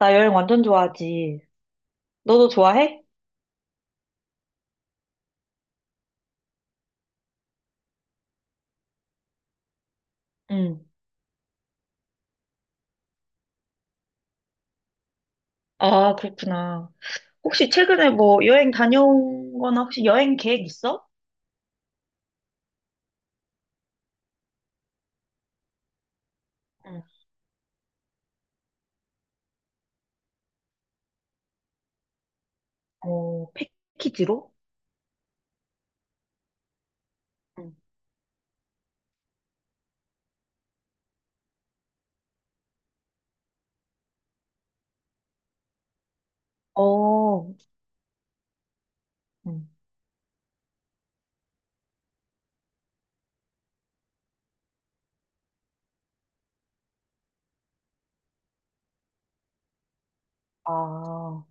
나 여행 완전 좋아하지. 너도 좋아해? 응. 아, 그렇구나. 혹시 최근에 뭐 여행 다녀온 거나 혹시 여행 계획 있어? 응. 어, 패키지로? 응. 어, 응. 아, 어,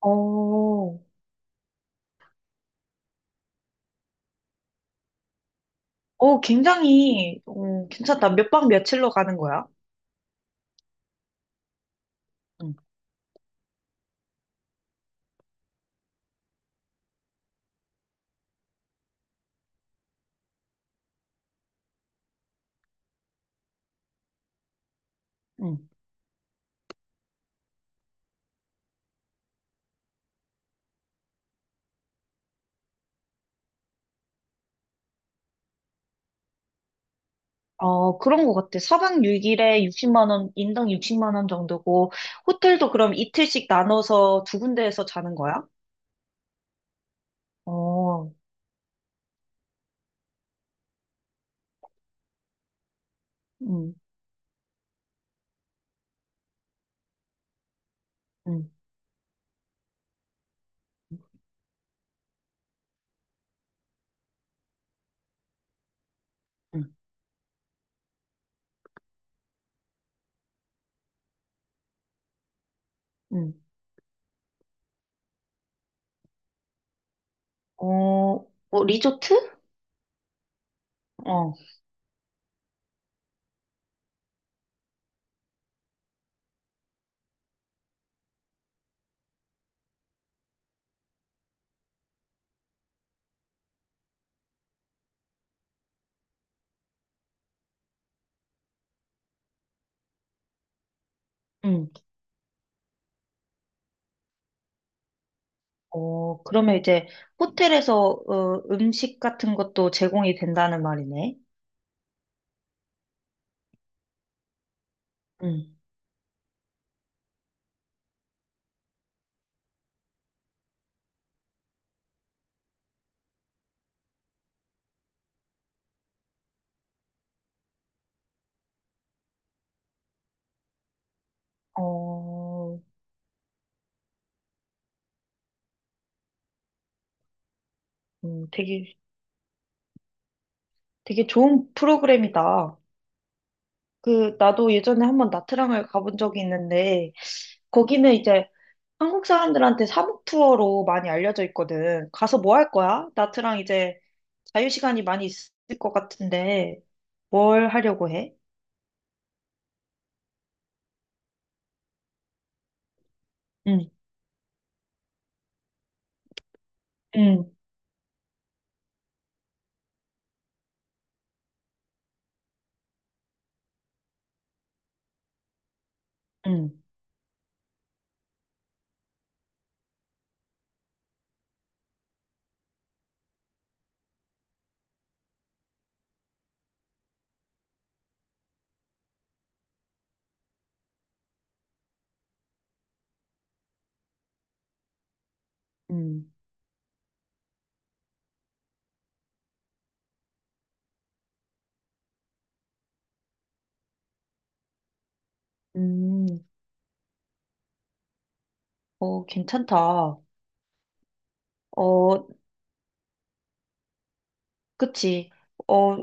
어, 오, 굉장히 괜찮다. 몇 박 며칠로 가는 거야? 응. 응. 어, 그런 것 같아. 4박 6일에 60만 원, 인당 60만 원 정도고 호텔도 그럼 이틀씩 나눠서 두 군데에서 자는 거야? 어, 응, 응, 응, 응, 어, 뭐 리조트? 어, 응. 어, 그러면 이제 호텔에서 음식 같은 것도 제공이 된다는 말이네. 응. 어, 음, 되게, 되게 좋은 프로그램이다. 그, 나도 예전에 한번 나트랑을 가본 적이 있는데, 거기는 이제 한국 사람들한테 사복 투어로 많이 알려져 있거든. 가서 뭐 할 거야? 나트랑 이제 자유시간이 많이 있을 것 같은데, 뭘 하려고 해? 응, 응, 응, 응, 음, 어, 괜찮다. 어, 그치. 어,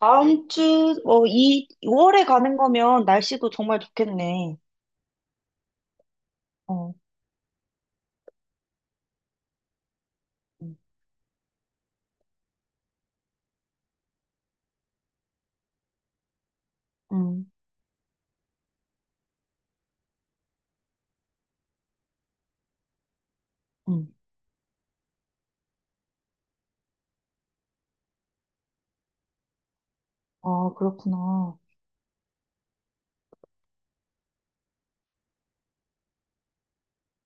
다음 주, 이, 2월에 가는 거면 날씨도 정말 좋겠네. 어, 응, 응, 응. 아, 그렇구나.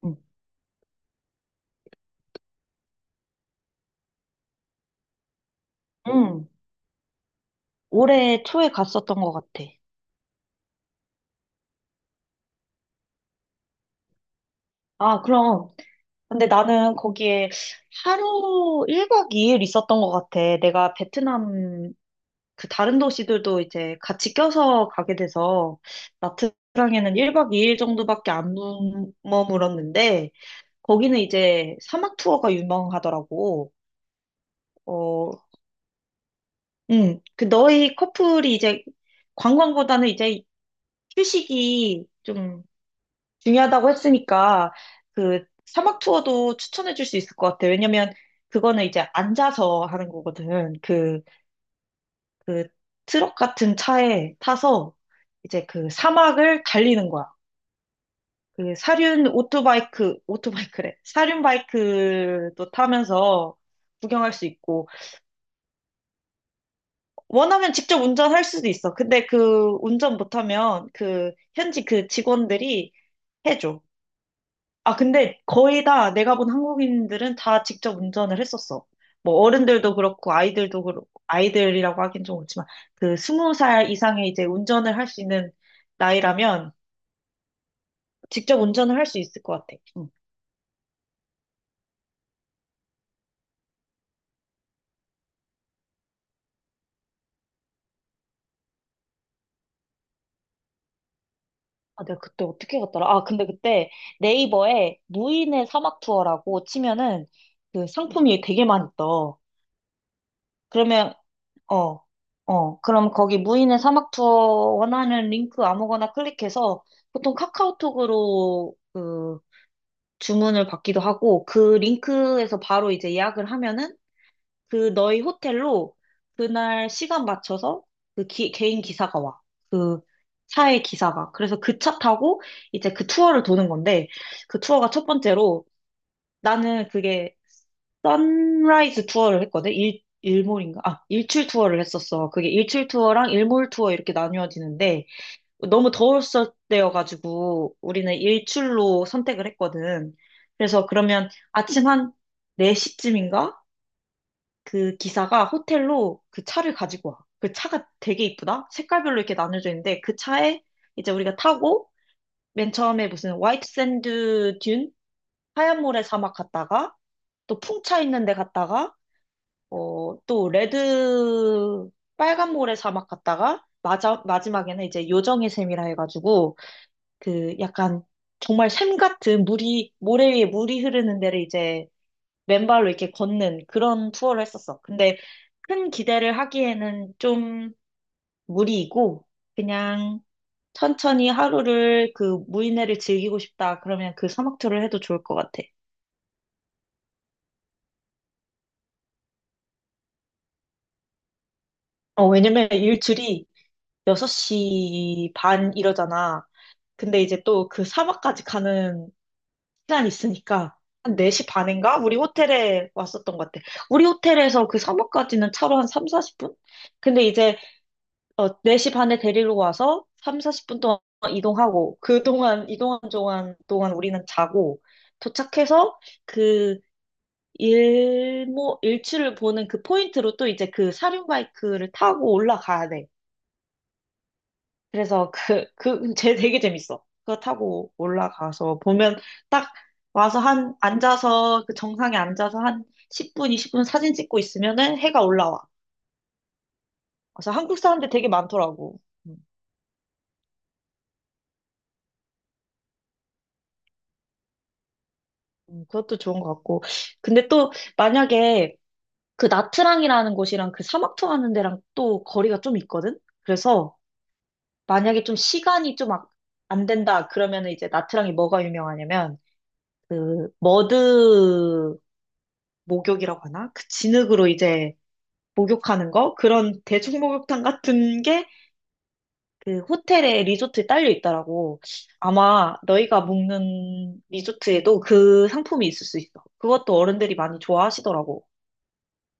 응, 응. 올해 초에 갔었던 것 같아. 아, 그럼. 근데 나는 거기에 하루 1박 2일 있었던 것 같아. 내가 베트남 그 다른 도시들도 이제 같이 껴서 가게 돼서 나트랑에는 1박 2일 정도밖에 안 머물었는데 거기는 이제 사막 투어가 유명하더라고. 어, 그 너희 커플이 이제 관광보다는 이제 휴식이 좀 중요하다고 했으니까 그 사막 투어도 추천해 줄 수 있을 것 같아. 왜냐면 그거는 이제 앉아서 하는 거거든. 그 트럭 같은 차에 타서 이제 그 사막을 달리는 거야. 그 사륜 오토바이크래. 사륜 바이크도 타면서 구경할 수 있고, 원하면 직접 운전할 수도 있어. 근데 그 운전 못하면 그 현지 그 직원들이 해줘. 아, 근데 거의 다 내가 본 한국인들은 다 직접 운전을 했었어. 뭐 어른들도 그렇고 아이들도 그렇고 아이들이라고 하긴 좀 그렇지만 그 스무 살 이상의 이제 운전을 할 수 있는 나이라면 직접 운전을 할 수 있을 것 같아. 응. 아, 내가 그때 어떻게 갔더라? 아, 근데 그때 네이버에 무인의 사막 투어라고 치면은 그 상품이 되게 많이 떠. 그러면, 어, 그럼 거기 무인의 사막 투어 원하는 링크 아무거나 클릭해서 보통 카카오톡으로 그 주문을 받기도 하고 그 링크에서 바로 이제 예약을 하면은 그 너희 호텔로 그날 시간 맞춰서 그 개인 기사가 와. 그 차의 기사가. 그래서 그 차 타고 이제 그 투어를 도는 건데 그 투어가 첫 번째로 나는 그게 선라이즈 투어를 했거든? 일몰인가? 아, 일출 투어를 했었어. 그게 일출 투어랑 일몰 투어 이렇게 나뉘어지는데, 너무 더웠을 때여가지고, 우리는 일출로 선택을 했거든. 그래서 그러면 아침 한 4시쯤인가? 그 기사가 호텔로 그 차를 가지고 와. 그 차가 되게 이쁘다? 색깔별로 이렇게 나눠져 있는데, 그 차에 이제 우리가 타고, 맨 처음에 무슨 화이트 샌드 듄? 하얀 모래 사막 갔다가, 또 풍차 있는 데 갔다가, 또 레드 빨간 모래 사막 갔다가 마지막에는 이제 요정의 샘이라 해가지고 그 약간 정말 샘 같은 물이 모래 위에 물이 흐르는 데를 이제 맨발로 이렇게 걷는 그런 투어를 했었어. 근데 큰 기대를 하기에는 좀 무리이고 그냥 천천히 하루를 그 무인회를 즐기고 싶다 그러면 그 사막 투어를 해도 좋을 것 같아. 어, 왜냐면 일출이 6시 반 이러잖아. 근데 이제 또 그 사막까지 가는 시간이 있으니까 한 4시 반인가? 우리 호텔에 왔었던 것 같아. 우리 호텔에서 그 사막까지는 차로 한 3, 40분? 근데 이제 4시 반에 데리러 와서 3, 40분 동안 이동하고 그동안 이동한 동안 우리는 자고 도착해서 그 일모 일출을 보는 그 포인트로 또 이제 그 사륜 바이크를 타고 올라가야 돼. 그래서 쟤 되게 재밌어. 그거 타고 올라가서 보면 딱 와서 앉아서, 그 정상에 앉아서 한 10분, 20분 사진 찍고 있으면은 해가 올라와. 그래서 한국 사람들 되게 많더라고. 음, 그것도 좋은 것 같고. 근데 또 만약에 그 나트랑이라는 곳이랑 그 사막 투어하는 데랑 또 거리가 좀 있거든? 그래서 만약에 좀 시간이 좀 안 된다 그러면은 이제 나트랑이 뭐가 유명하냐면 그 머드 목욕이라고 하나? 그 진흙으로 이제 목욕하는 거? 그런 대중 목욕탕 같은 게 그 호텔에 리조트에 딸려 있더라고. 아마 너희가 묵는 리조트에도 그 상품이 있을 수 있어. 그것도 어른들이 많이 좋아하시더라고.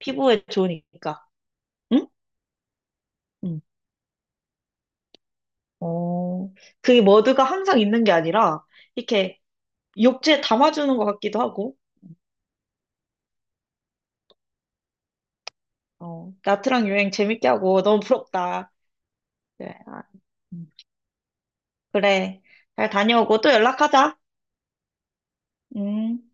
피부에 좋으니까. 응? 응. 어, 그게 머드가 항상 있는 게 아니라 이렇게 욕조에 담아주는 것 같기도 하고. 어, 나트랑 여행 재밌게 하고 너무 부럽다. 그래, 아, 음. 그래. 잘 다녀오고 또 연락하자. 음.